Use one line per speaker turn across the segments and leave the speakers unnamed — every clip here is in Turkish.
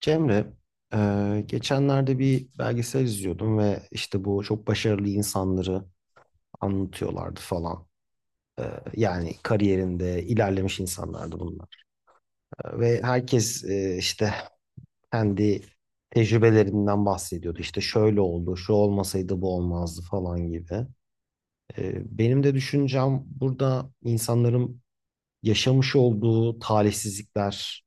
Cemre, geçenlerde bir belgesel izliyordum ve işte bu çok başarılı insanları anlatıyorlardı falan. E, Yani kariyerinde ilerlemiş insanlardı bunlar. Ve herkes işte kendi tecrübelerinden bahsediyordu. İşte şöyle oldu, şu olmasaydı bu olmazdı falan gibi. Benim de düşüncem burada insanların yaşamış olduğu talihsizlikler,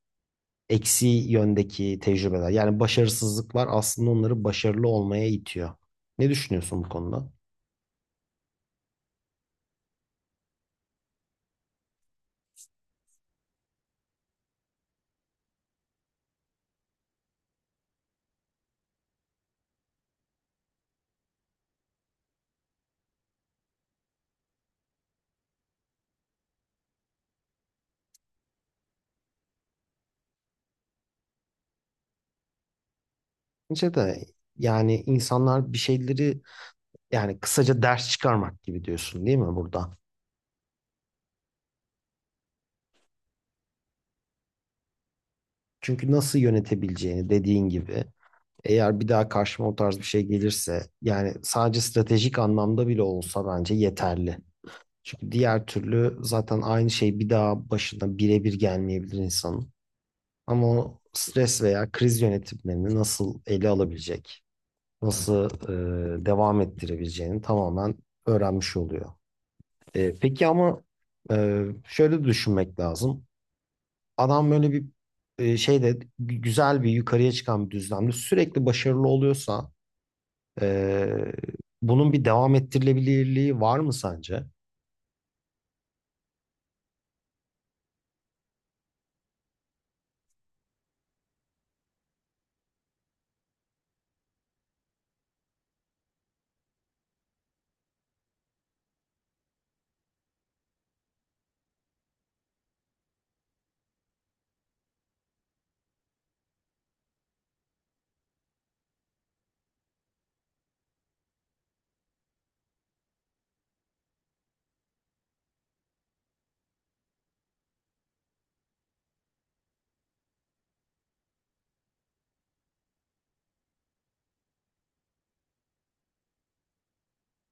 eksi yöndeki tecrübeler. Yani başarısızlıklar aslında onları başarılı olmaya itiyor. Ne düşünüyorsun bu konuda? Bence de yani insanlar bir şeyleri, yani kısaca ders çıkarmak gibi diyorsun değil mi burada? Çünkü nasıl yönetebileceğini dediğin gibi, eğer bir daha karşıma o tarz bir şey gelirse yani sadece stratejik anlamda bile olsa bence yeterli. Çünkü diğer türlü zaten aynı şey bir daha başına birebir gelmeyebilir insanın. Ama o stres veya kriz yönetimlerini nasıl ele alabilecek, nasıl devam ettirebileceğini tamamen öğrenmiş oluyor. Peki ama şöyle düşünmek lazım. Adam böyle bir şeyde güzel bir yukarıya çıkan bir düzlemde sürekli başarılı oluyorsa e, bunun bir devam ettirilebilirliği var mı sence?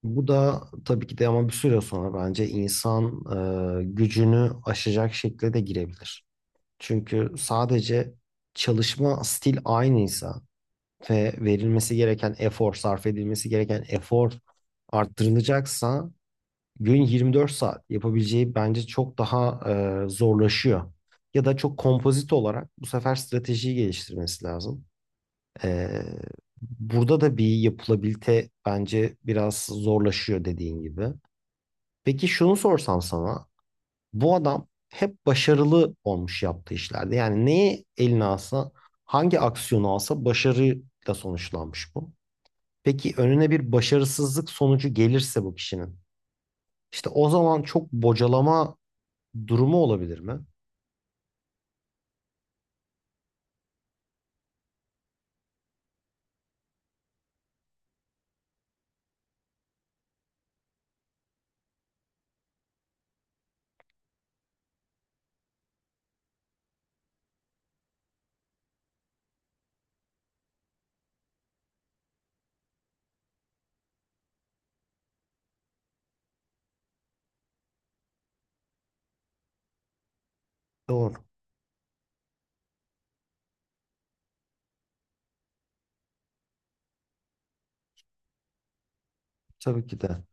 Bu da tabii ki de, ama bir süre sonra bence insan gücünü aşacak şekilde de girebilir. Çünkü sadece çalışma stil aynıysa ve verilmesi gereken efor, sarf edilmesi gereken efor arttırılacaksa gün 24 saat yapabileceği bence çok daha zorlaşıyor. Ya da çok kompozit olarak bu sefer stratejiyi geliştirmesi lazım. E, Burada da bir yapılabilite bence biraz zorlaşıyor dediğin gibi. Peki şunu sorsam sana, bu adam hep başarılı olmuş yaptığı işlerde. Yani neyi eline alsa, hangi aksiyonu alsa başarıyla sonuçlanmış bu. Peki önüne bir başarısızlık sonucu gelirse bu kişinin, işte o zaman çok bocalama durumu olabilir mi? Doğru, tabii ki de.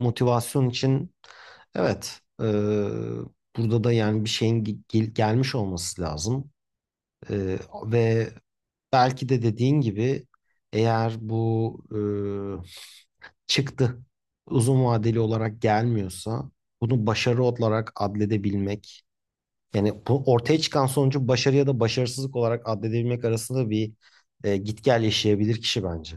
Motivasyon için evet, burada da yani bir şeyin gelmiş olması lazım. E, Ve belki de dediğin gibi, eğer bu çıktı uzun vadeli olarak gelmiyorsa bunu başarı olarak adledebilmek, yani bu ortaya çıkan sonucu başarı ya da başarısızlık olarak adledebilmek arasında bir git gel yaşayabilir kişi bence.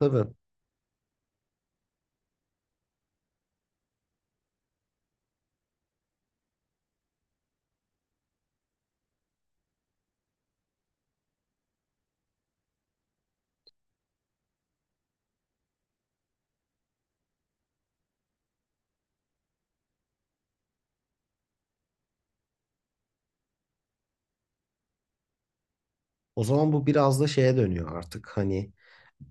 Tabii. O zaman bu biraz da şeye dönüyor artık. Hani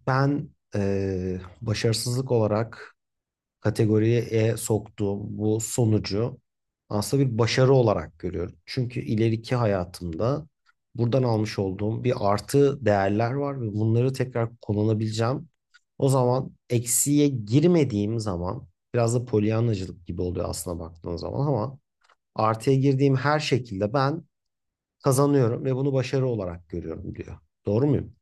ben başarısızlık olarak kategoriye soktuğum bu sonucu aslında bir başarı olarak görüyorum. Çünkü ileriki hayatımda buradan almış olduğum bir artı değerler var ve bunları tekrar kullanabileceğim. O zaman eksiye girmediğim zaman biraz da polyanacılık gibi oluyor aslına baktığın zaman, ama artıya girdiğim her şekilde ben kazanıyorum ve bunu başarı olarak görüyorum diyor. Doğru muyum?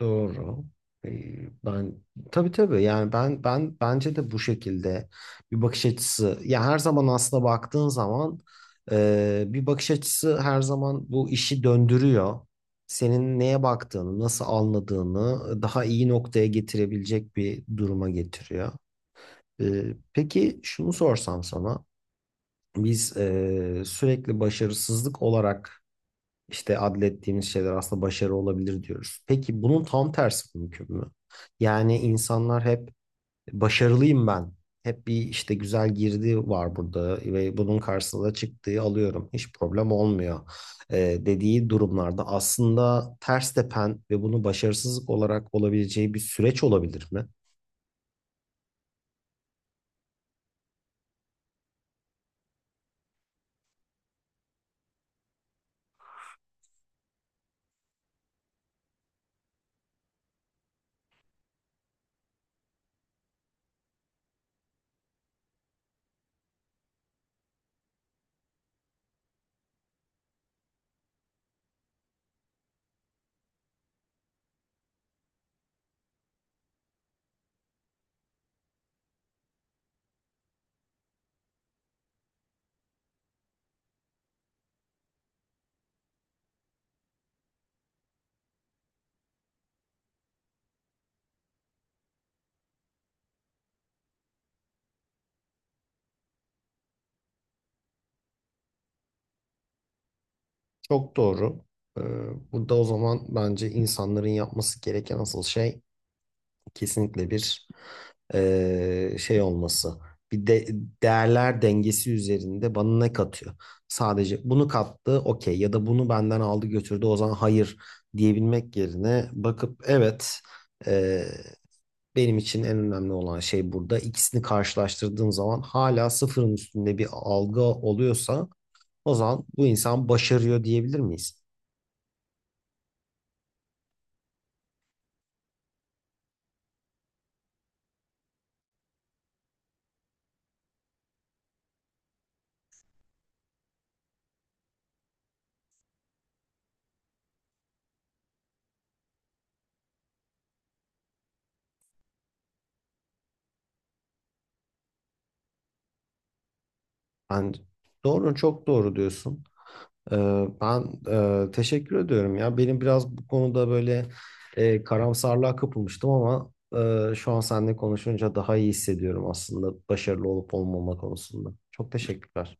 Doğru. Ben tabii tabii, yani ben bence de bu şekilde bir bakış açısı, ya her zaman aslında baktığın zaman bir bakış açısı her zaman bu işi döndürüyor. Senin neye baktığını, nasıl anladığını daha iyi noktaya getirebilecek bir duruma getiriyor. Peki şunu sorsam sana, biz sürekli başarısızlık olarak işte adlettiğimiz şeyler aslında başarı olabilir diyoruz. Peki bunun tam tersi mümkün mü? Yani insanlar hep başarılıyım ben. Hep bir işte güzel girdi var burada ve bunun karşısında da çıktığı alıyorum. Hiç problem olmuyor e, dediği durumlarda aslında ters tepen ve bunu başarısızlık olarak olabileceği bir süreç olabilir mi? Çok doğru. E, Burada o zaman bence insanların yapması gereken asıl şey kesinlikle bir şey olması. Bir de değerler dengesi üzerinde bana ne katıyor? Sadece bunu kattı, okey, ya da bunu benden aldı götürdü o zaman hayır diyebilmek yerine bakıp evet, eee, benim için en önemli olan şey, burada ikisini karşılaştırdığım zaman hala sıfırın üstünde bir algı oluyorsa o zaman bu insan başarıyor diyebilir miyiz? Ben doğru, çok doğru diyorsun. Ben teşekkür ediyorum ya. Benim biraz bu konuda böyle karamsarlığa kapılmıştım, ama şu an seninle konuşunca daha iyi hissediyorum aslında başarılı olup olmama konusunda. Çok teşekkürler.